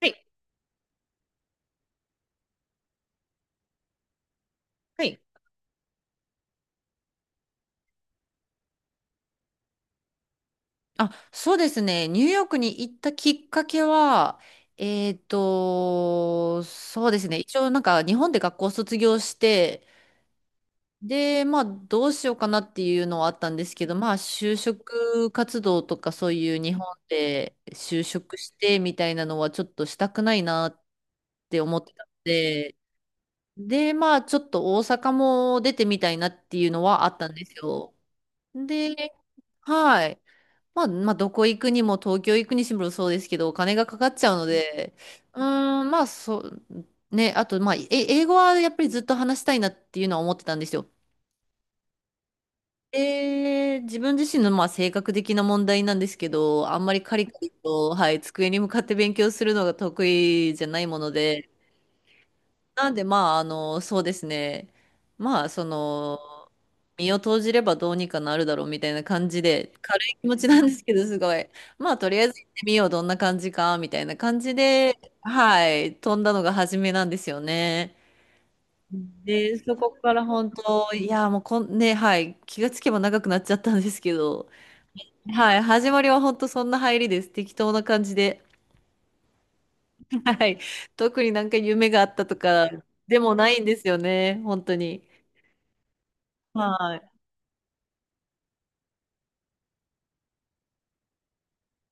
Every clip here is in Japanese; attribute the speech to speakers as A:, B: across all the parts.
A: はい。はい。あ、そうですね。ニューヨークに行ったきっかけは、そうですね。一応なんか日本で学校卒業して、で、まあどうしようかなっていうのはあったんですけど、まあ就職活動とかそういう日本で就職してみたいなのはちょっとしたくないなって思ってたので、で、まあちょっと大阪も出てみたいなっていうのはあったんですよ。で、はい。まあ、まあ、どこ行くにも、東京行くにしろそうですけど、お金がかかっちゃうので、まあ、そう、ね、あと、まあ、英語はやっぱりずっと話したいなっていうのは思ってたんですよ。自分自身のまあ性格的な問題なんですけど、あんまりカリカリと、はい、机に向かって勉強するのが得意じゃないもので、なんで、まあ、あの、そうですね。まあ、その、身を投じればどうにかなるだろうみたいな感じで、軽い気持ちなんですけど、すごい。まあ、とりあえず行ってみよう、どんな感じか、みたいな感じで、はい、飛んだのが初めなんですよね。で、そこから本当、いや、もうこん、ね、はい、気がつけば長くなっちゃったんですけど、はい、始まりは本当そんな入りです。適当な感じで。はい、特になんか夢があったとかでもないんですよね、本当に。はい。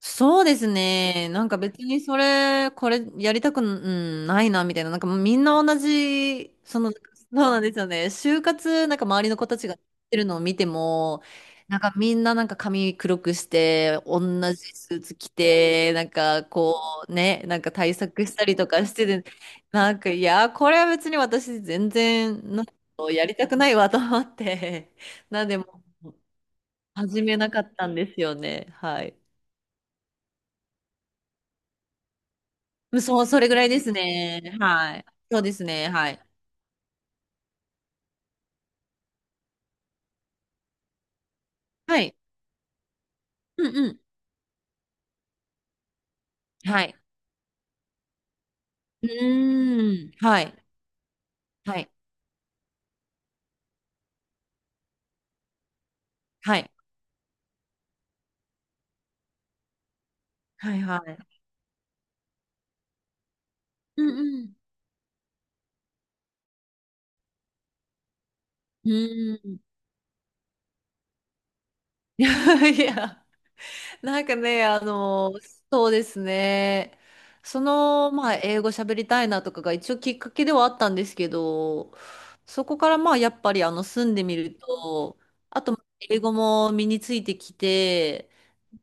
A: そうですね。なんか別にこれやりたく、ないな、みたいな。なんかもうみんな同じ、そうなんですよね。就活、なんか周りの子たちがやってるのを見ても、なんかみんななんか髪黒くして、同じスーツ着て、なんかこうね、なんか対策したりとかしてて、なんかいや、これは別に私全然、なんかやりたくないわと思って、なんでもう始めなかったんですよね。はい。うん、そう、それぐらいですね。はい。そうですね。はい。はい。うんうん。はい。うーん。はい。はい。はい。はいはい。うんうん。うーん。いやいや。なんかね、あの、そうですね。その、まあ、英語喋りたいなとかが一応きっかけではあったんですけど、そこからまあ、やっぱりあの、住んでみると、あと、英語も身についてきて、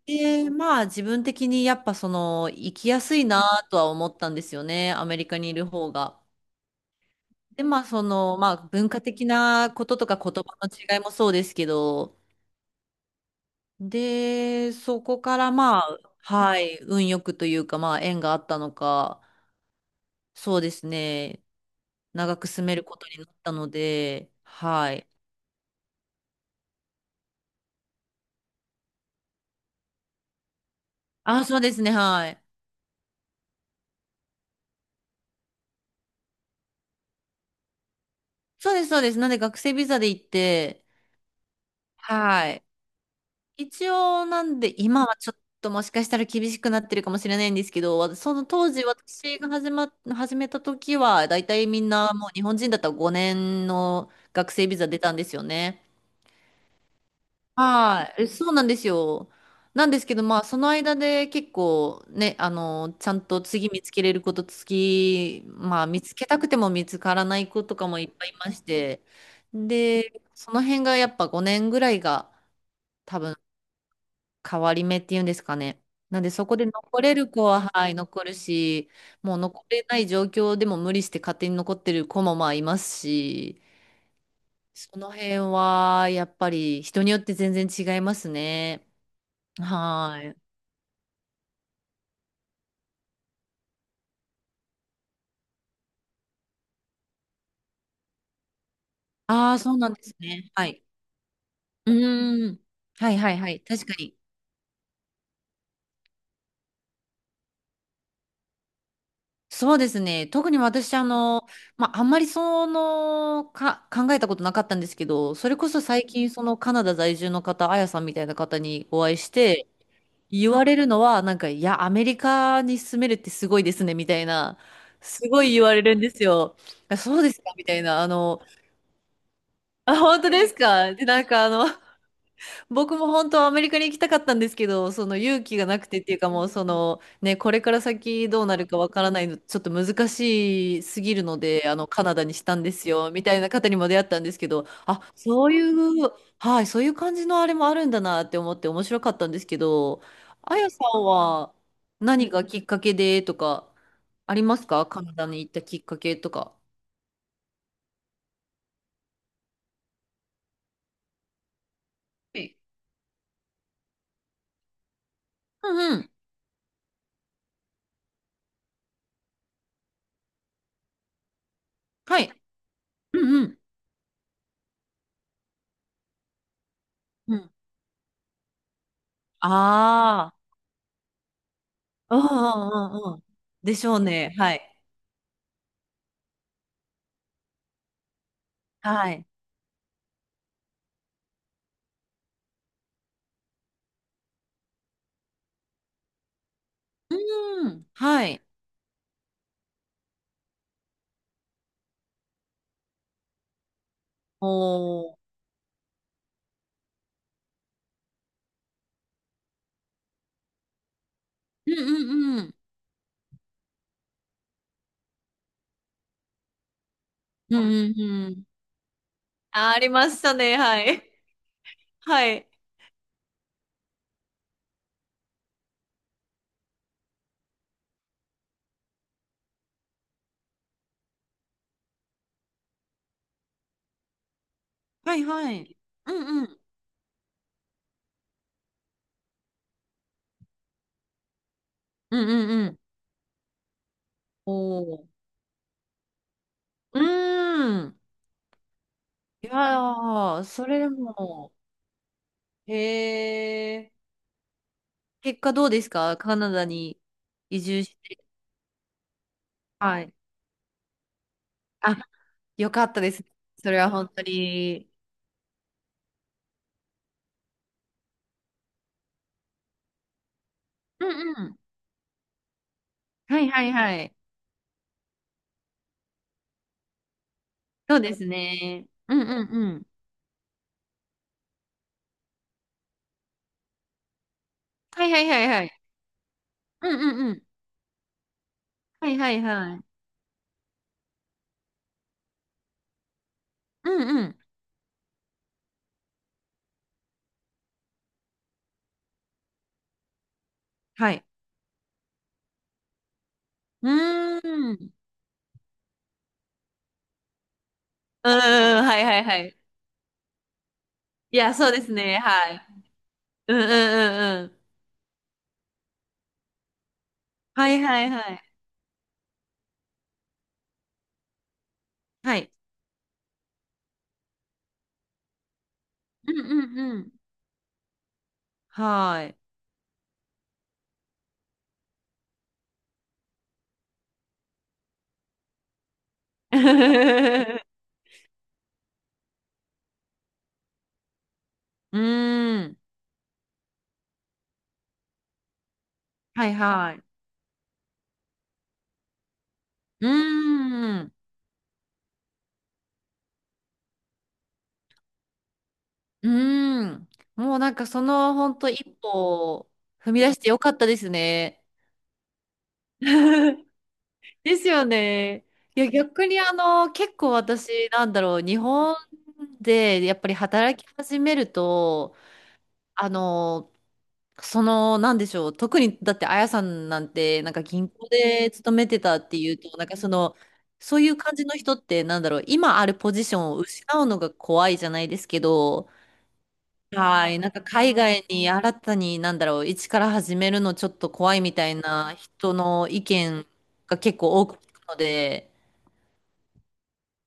A: で、まあ、自分的にやっぱその、生きやすいなとは思ったんですよね。アメリカにいる方が。で、まあ、その、まあ、文化的なこととか言葉の違いもそうですけど、で、そこからまあ、はい、運よくというか、まあ、縁があったのか、そうですね、長く住めることになったので、はい。あ、そうですね、はい。そうです、そうです。なんで学生ビザで行って、はい。一応、なんで、今はちょっともしかしたら厳しくなってるかもしれないんですけど、わその当時私が始めた時は、だいたいみんなもう日本人だったら5年の学生ビザ出たんですよね。はい、そうなんですよ。なんですけど、まあ、その間で結構ね、あの、ちゃんと次見つけれること、次、まあ、見つけたくても見つからない子とかもいっぱいいまして、で、その辺がやっぱ5年ぐらいが多分変わり目っていうんですかね。なんで、そこで残れる子は、はい、残るし、もう残れない状況でも無理して勝手に残ってる子もまあいますし、その辺はやっぱり人によって全然違いますね。はーい。ああ、そうなんですね。はい。うーん。はいはいはい。確かに。そうですね。特に私、あの、まあ、あんまりその、考えたことなかったんですけど、それこそ最近、そのカナダ在住の方、あやさんみたいな方にお会いして、言われるのは、なんか、いや、アメリカに住めるってすごいですね、みたいな、すごい言われるんですよ。あ、そうですか、みたいな、あの、あ、本当ですか。で、なんか、あの、僕も本当はアメリカに行きたかったんですけど、その勇気がなくてっていうか、もうそのね、これから先どうなるかわからないの、ちょっと難しすぎるので、あのカナダにしたんですよ、みたいな方にも出会ったんですけど、あ、そういう、はい、そういう感じのあれもあるんだなって思って面白かったんですけど、あやさんは何がきっかけでとかありますか、カナダに行ったきっかけとか。はい。うんうん。はい。うんうん。うん。ああ。うんうんうんうん。でしょうね。はい。はい。うん。はい。おー。うんうんうん。うんうんうん。あ、ありましたね。はい。はい。はいはい。うんうん。うんうんうん。おー。うーん。いやー、それでも、へえ。結果どうですかカナダに移住して。はい。あ、よかったです。それは本当に。うんうん。はいはいはい。そうですね。うんうんうん。はいはいはいはい。うんうんうん。はいはいはい。うんうん。はい。うーん。うんうん。はいはいはい。いや、そうですね。はい。うんうんうんうん。はいはいはい。はい。うんうんうん。はい。うーん。はいはい。うーん。うーん。もうなんかその本当一歩を踏み出してよかったですね。ですよね。いや、逆にあの、結構私、なんだろう、日本でやっぱり働き始めると、あの、その、なんでしょう、特にだって、あやさんなんて、なんか銀行で勤めてたっていうと、なんかその、そういう感じの人って、なんだろう、今あるポジションを失うのが怖いじゃないですけど、はい、なんか海外に新たに、なんだろう、一から始めるのちょっと怖いみたいな人の意見が結構多く聞くので、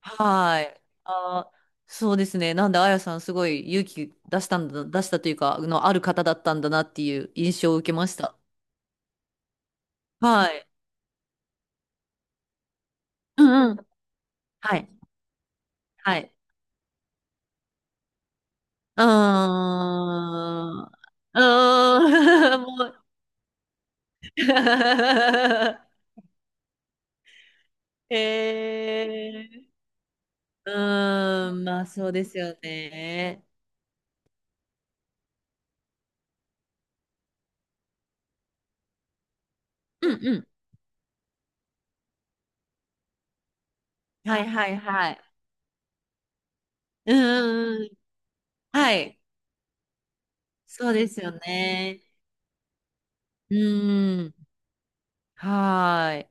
A: はい。あー、そうですね。なんで、あやさん、すごい勇気出したんだ、出したというか、あの、ある方だったんだなっていう印象を受けました。はい。うんうん。はい。はい。うーん。うーん。もう。 えー。うーん。まあ、そうですよね。うんうん。はいはいはい。うんうんうん。はい。そうですよね。うーん。はーい。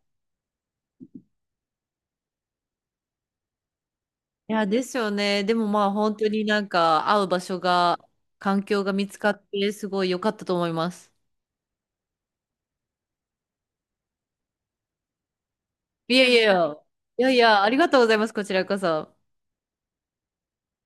A: いや、ですよね。でもまあ本当になんか会う場所が、環境が見つかってすごい良かったと思います。いやいやいや、いやいや、ありがとうございます。こちらこそ。